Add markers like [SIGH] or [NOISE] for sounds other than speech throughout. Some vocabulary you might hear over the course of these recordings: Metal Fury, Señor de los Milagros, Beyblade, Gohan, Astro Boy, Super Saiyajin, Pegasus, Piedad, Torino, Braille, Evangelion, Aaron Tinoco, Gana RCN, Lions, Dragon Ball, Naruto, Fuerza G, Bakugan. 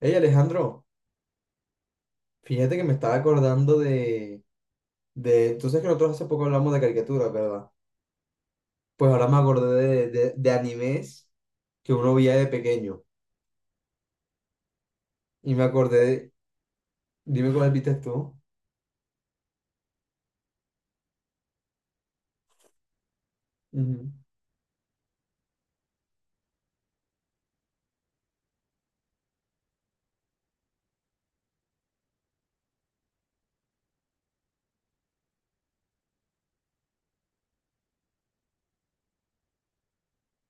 Hey Alejandro, fíjate que me estaba acordando Tú sabes que nosotros hace poco hablamos de caricaturas, ¿verdad? Pues ahora me acordé de animes que uno veía de pequeño. Y me acordé de- Dime cuál viste tú. Ujú.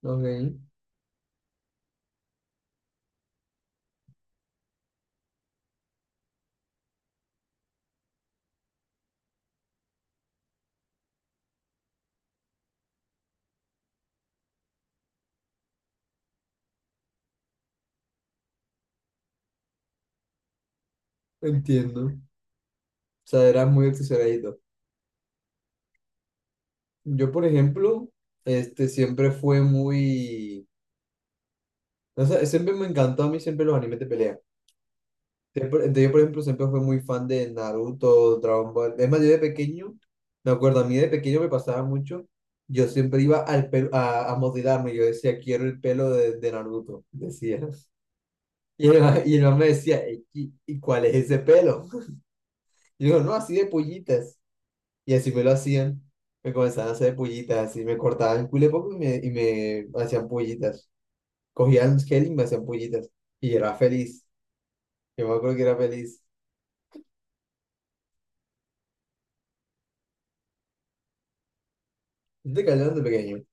Ok, entiendo. O sea, eras muy obsesionadito. Yo, por ejemplo, siempre fue muy... O sea, siempre me encantó a mí siempre los animes de pelea. Entonces yo, por ejemplo, siempre fui muy fan de Naruto, Dragon Ball. Es más, yo de pequeño, me acuerdo, a mí de pequeño me pasaba mucho. Yo siempre iba al pelo, a modelarme. Yo decía, quiero el pelo de Naruto. Decía. [LAUGHS] Y el man me decía, "Ey, ¿y cuál es ese pelo? [LAUGHS] Y yo, no, así de pollitas. Y así me lo hacían. Me comenzaban a hacer pollitas. Así me cortaban el culo poco y me hacían pollitas. Cogían gel y me hacían pollitas. Y era feliz. Yo me acuerdo que era feliz. ¿No te callaron de pequeño?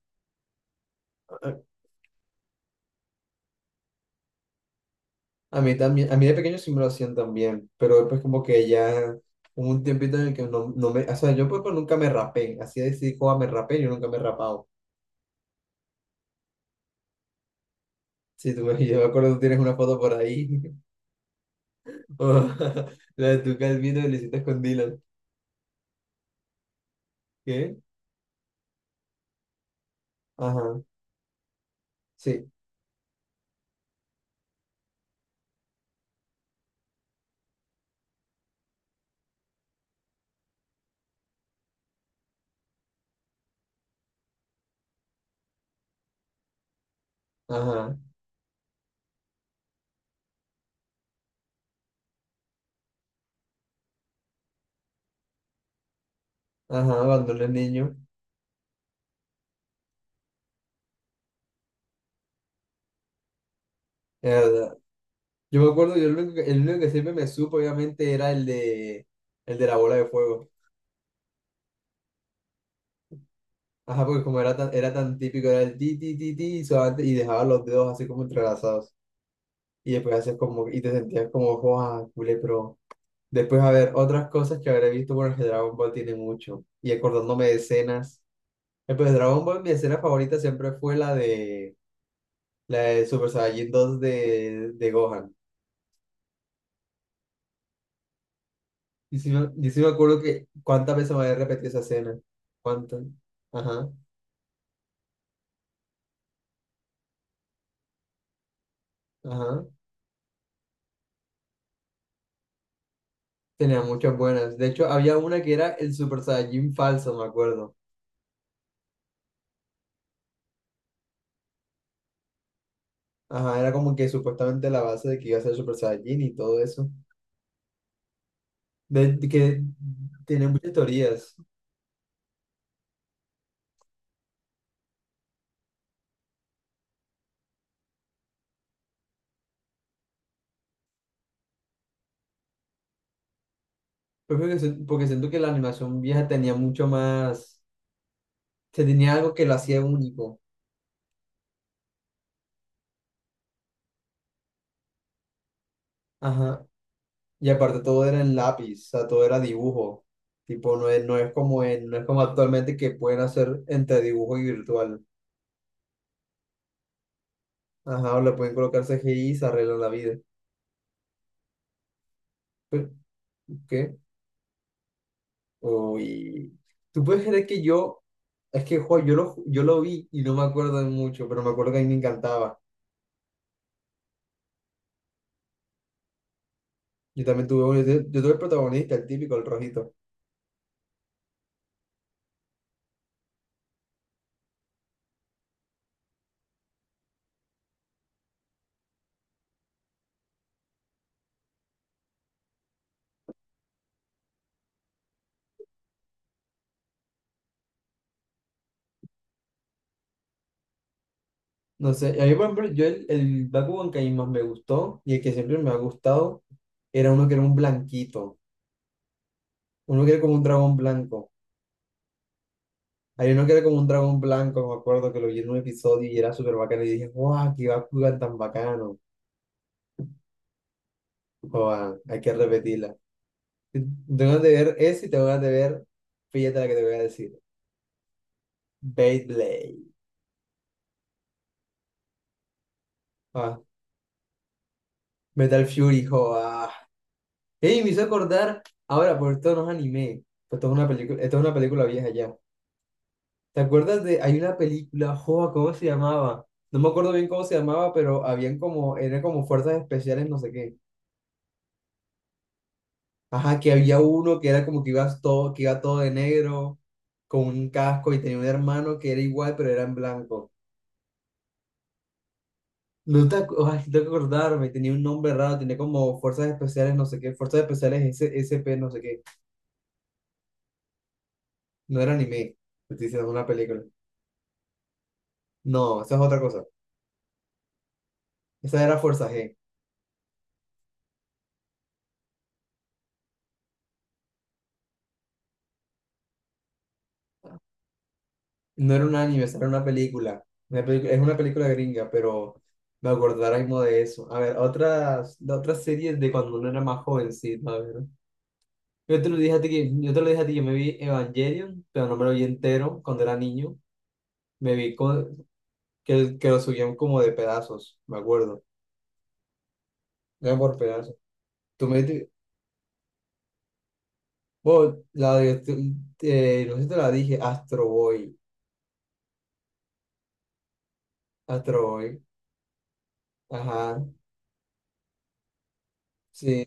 A mí también, a mí de pequeño sí me lo hacían también, pero después como que ya hubo un tiempito en el que no, no me, o sea, yo nunca me rapé, así de decir, joa, me rapé, yo nunca me he rapado. Sí, tú, [LAUGHS] yo me acuerdo tú tienes una foto por ahí, [LAUGHS] o la de tu calvino que le hiciste con Dylan. ¿Qué? Ajá, sí, ajá, ajá, cuando era niño, es verdad. Yo me acuerdo, yo el único, el único que siempre me supo, obviamente, era el de la bola de fuego. Ajá, porque como era tan típico, era el ti, ti, ti, ti, y suave, y dejaba los dedos así como entrelazados. Y después haces como, y te sentías como, joa, culé, pero después a ver otras cosas que habré visto, bueno, que Dragon Ball tiene mucho, y acordándome de escenas, pues Dragon Ball, mi escena favorita siempre fue la de Super Saiyajin 2 de Gohan, y sí, y sí me acuerdo que cuántas veces me había repetido esa escena, cuántas, ajá, ajá, tenía muchas buenas, de hecho había una que era el Super Saiyajin falso, me acuerdo. Ajá, era como que supuestamente la base de que iba a ser Super Saiyajin y todo eso. De que tiene muchas teorías. Pero creo que porque siento que la animación vieja tenía mucho más, se tenía algo que lo hacía único. Ajá. Y aparte todo era en lápiz, o sea, todo era dibujo. Tipo, no es como actualmente que pueden hacer entre dibujo y virtual. Ajá, o le pueden colocar CGI y se arreglan la vida. Pe- ¿Qué? Uy. ¿Tú puedes creer que yo, es que, jo, yo lo vi y no me acuerdo de mucho, pero me acuerdo que a mí me encantaba. Yo también tuve uno, yo tuve el protagonista, el típico, el rojito. No sé, a mí, por ejemplo, yo el Bakugan que a mí más me gustó y el que siempre me ha gustado era uno que era un blanquito, uno que era como un dragón blanco. Hay uno que era como un dragón blanco, me acuerdo que lo vi en un episodio y era súper bacano y dije, ¡guau, qué Bakugan tan bacano! Joa, hay que repetirla. Tengo ganas de ver ese y tengo ganas de ver, fíjate la que te voy a decir, Beyblade, ah, Metal Fury, joa. Ey, me hizo acordar ahora, por esto no es anime, pues esto es una película, esto es una película vieja ya. ¿Te acuerdas de, hay una película, joa, ¿cómo se llamaba? No me acuerdo bien cómo se llamaba, pero habían como, eran como fuerzas especiales, no sé qué. Ajá, que había uno que era como que iba todo de negro, con un casco, y tenía un hermano que era igual, pero era en blanco. Ay, no tengo que acordarme, tenía un nombre raro, tenía como fuerzas especiales, no sé qué, fuerzas especiales SP, no sé qué. No era anime, te estoy diciendo, es una película. No, esa es otra cosa. Esa era Fuerza G. No era un anime, esa era una película. Es una película gringa, pero me acuerdo ahora mismo de eso. A ver, otras, de otras series de cuando uno era más jovencito, a ver. Yo te lo dije a ti que, yo te lo dije a ti, yo me vi Evangelion, pero no me lo vi entero cuando era niño. Me vi con, que lo subían como de pedazos, me acuerdo. Era por pedazos. Tú me dijiste- vos, la de, no sé si te la dije, Astro Boy. Astro Boy. Ajá. Sí.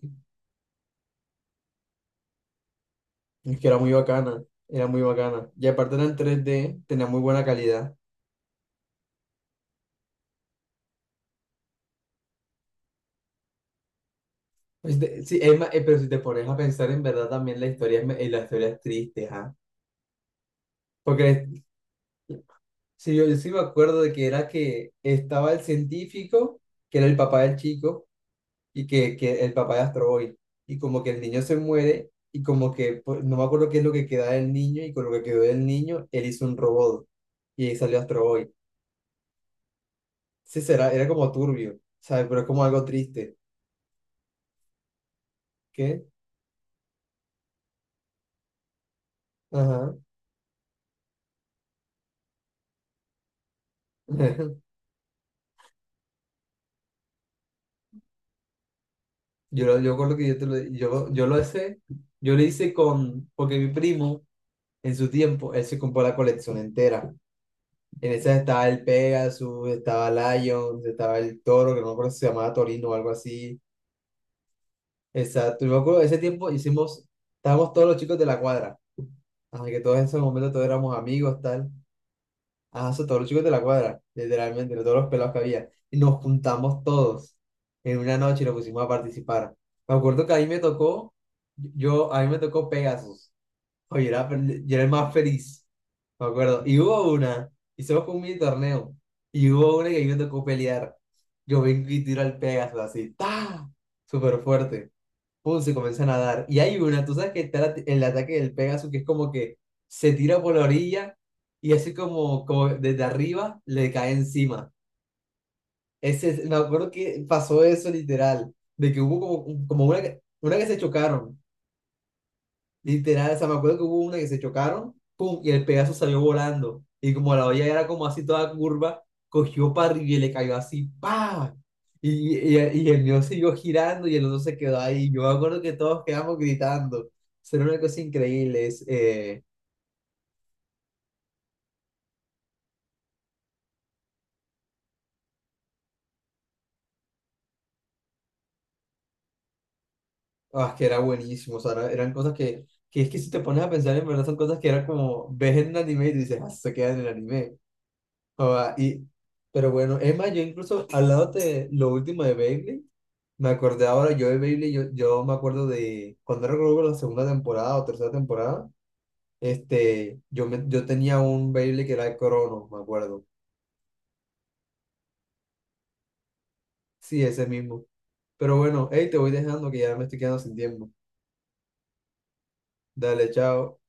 Es que era muy bacana, era muy bacana. Y aparte era en tres d tenía muy buena calidad. Sí, pero si te pones a pensar en verdad también la historia la historia es triste, ajá. Porque si yo, yo sí me acuerdo de que era que estaba el científico, que era el papá del chico, que el papá de Astro Boy. Y como que el niño se muere, y como que pues, no me acuerdo qué es lo que queda del niño, y con lo que quedó del niño, él hizo un robot. Y ahí salió Astro Boy. Sí, será, era como turbio, ¿sabes? Pero es como algo triste. ¿Qué? Ajá. [LAUGHS] Yo, yo recuerdo que yo, te lo, yo, yo lo hice con, porque mi primo en su tiempo, él se compró la colección entera. En esa estaba el Pegasus, estaba Lions, estaba el Toro, que no me acuerdo si se llamaba Torino o algo así. Exacto, yo me acuerdo, ese tiempo hicimos, estábamos todos los chicos de la cuadra, así que todos esos momentos todos éramos amigos, tal. Ajá, o sea, todos los chicos de la cuadra, literalmente, de todos los pelados que había. Y nos juntamos todos en una noche y nos pusimos a participar. Me acuerdo que ahí me tocó, yo, a mí me tocó Pegasus. Oye, yo era el más feliz, me acuerdo. Y hubo una, hicimos como un mini torneo, y hubo una que a mí me tocó pelear. Yo vengo y tiro al Pegasus así, ¡ta! Súper fuerte pum, se comienzan a dar. Y hay una, tú sabes que está el ataque del Pegaso, que es como que se tira por la orilla y así como, como desde arriba le cae encima. Me acuerdo que pasó eso literal, de que hubo como, como una, una que se chocaron. Literal, o sea, me acuerdo que hubo una que se chocaron, pum, y el Pegaso salió volando. Y como la olla era como así toda curva, cogió para arriba y le cayó así, ¡pa! Y el mío siguió girando y el otro se quedó ahí. Yo me acuerdo que todos quedamos gritando. O sea, era una cosa increíble, que era buenísimo. O sea, eran cosas que es que si te pones a pensar, en verdad son cosas que era como, ves en el anime y tú dices, ah, se queda en el anime. O sea, y, pero bueno, Emma, yo incluso al lado de lo último de Beyblade. Me acordé ahora, yo de Beyblade, yo me acuerdo de cuando era creo que la segunda temporada o tercera temporada, yo, me, yo tenía un Beyblade que era el Crono, me acuerdo. Sí, ese mismo. Pero bueno, hey, te voy dejando que ya me estoy quedando sin tiempo. Dale, chao.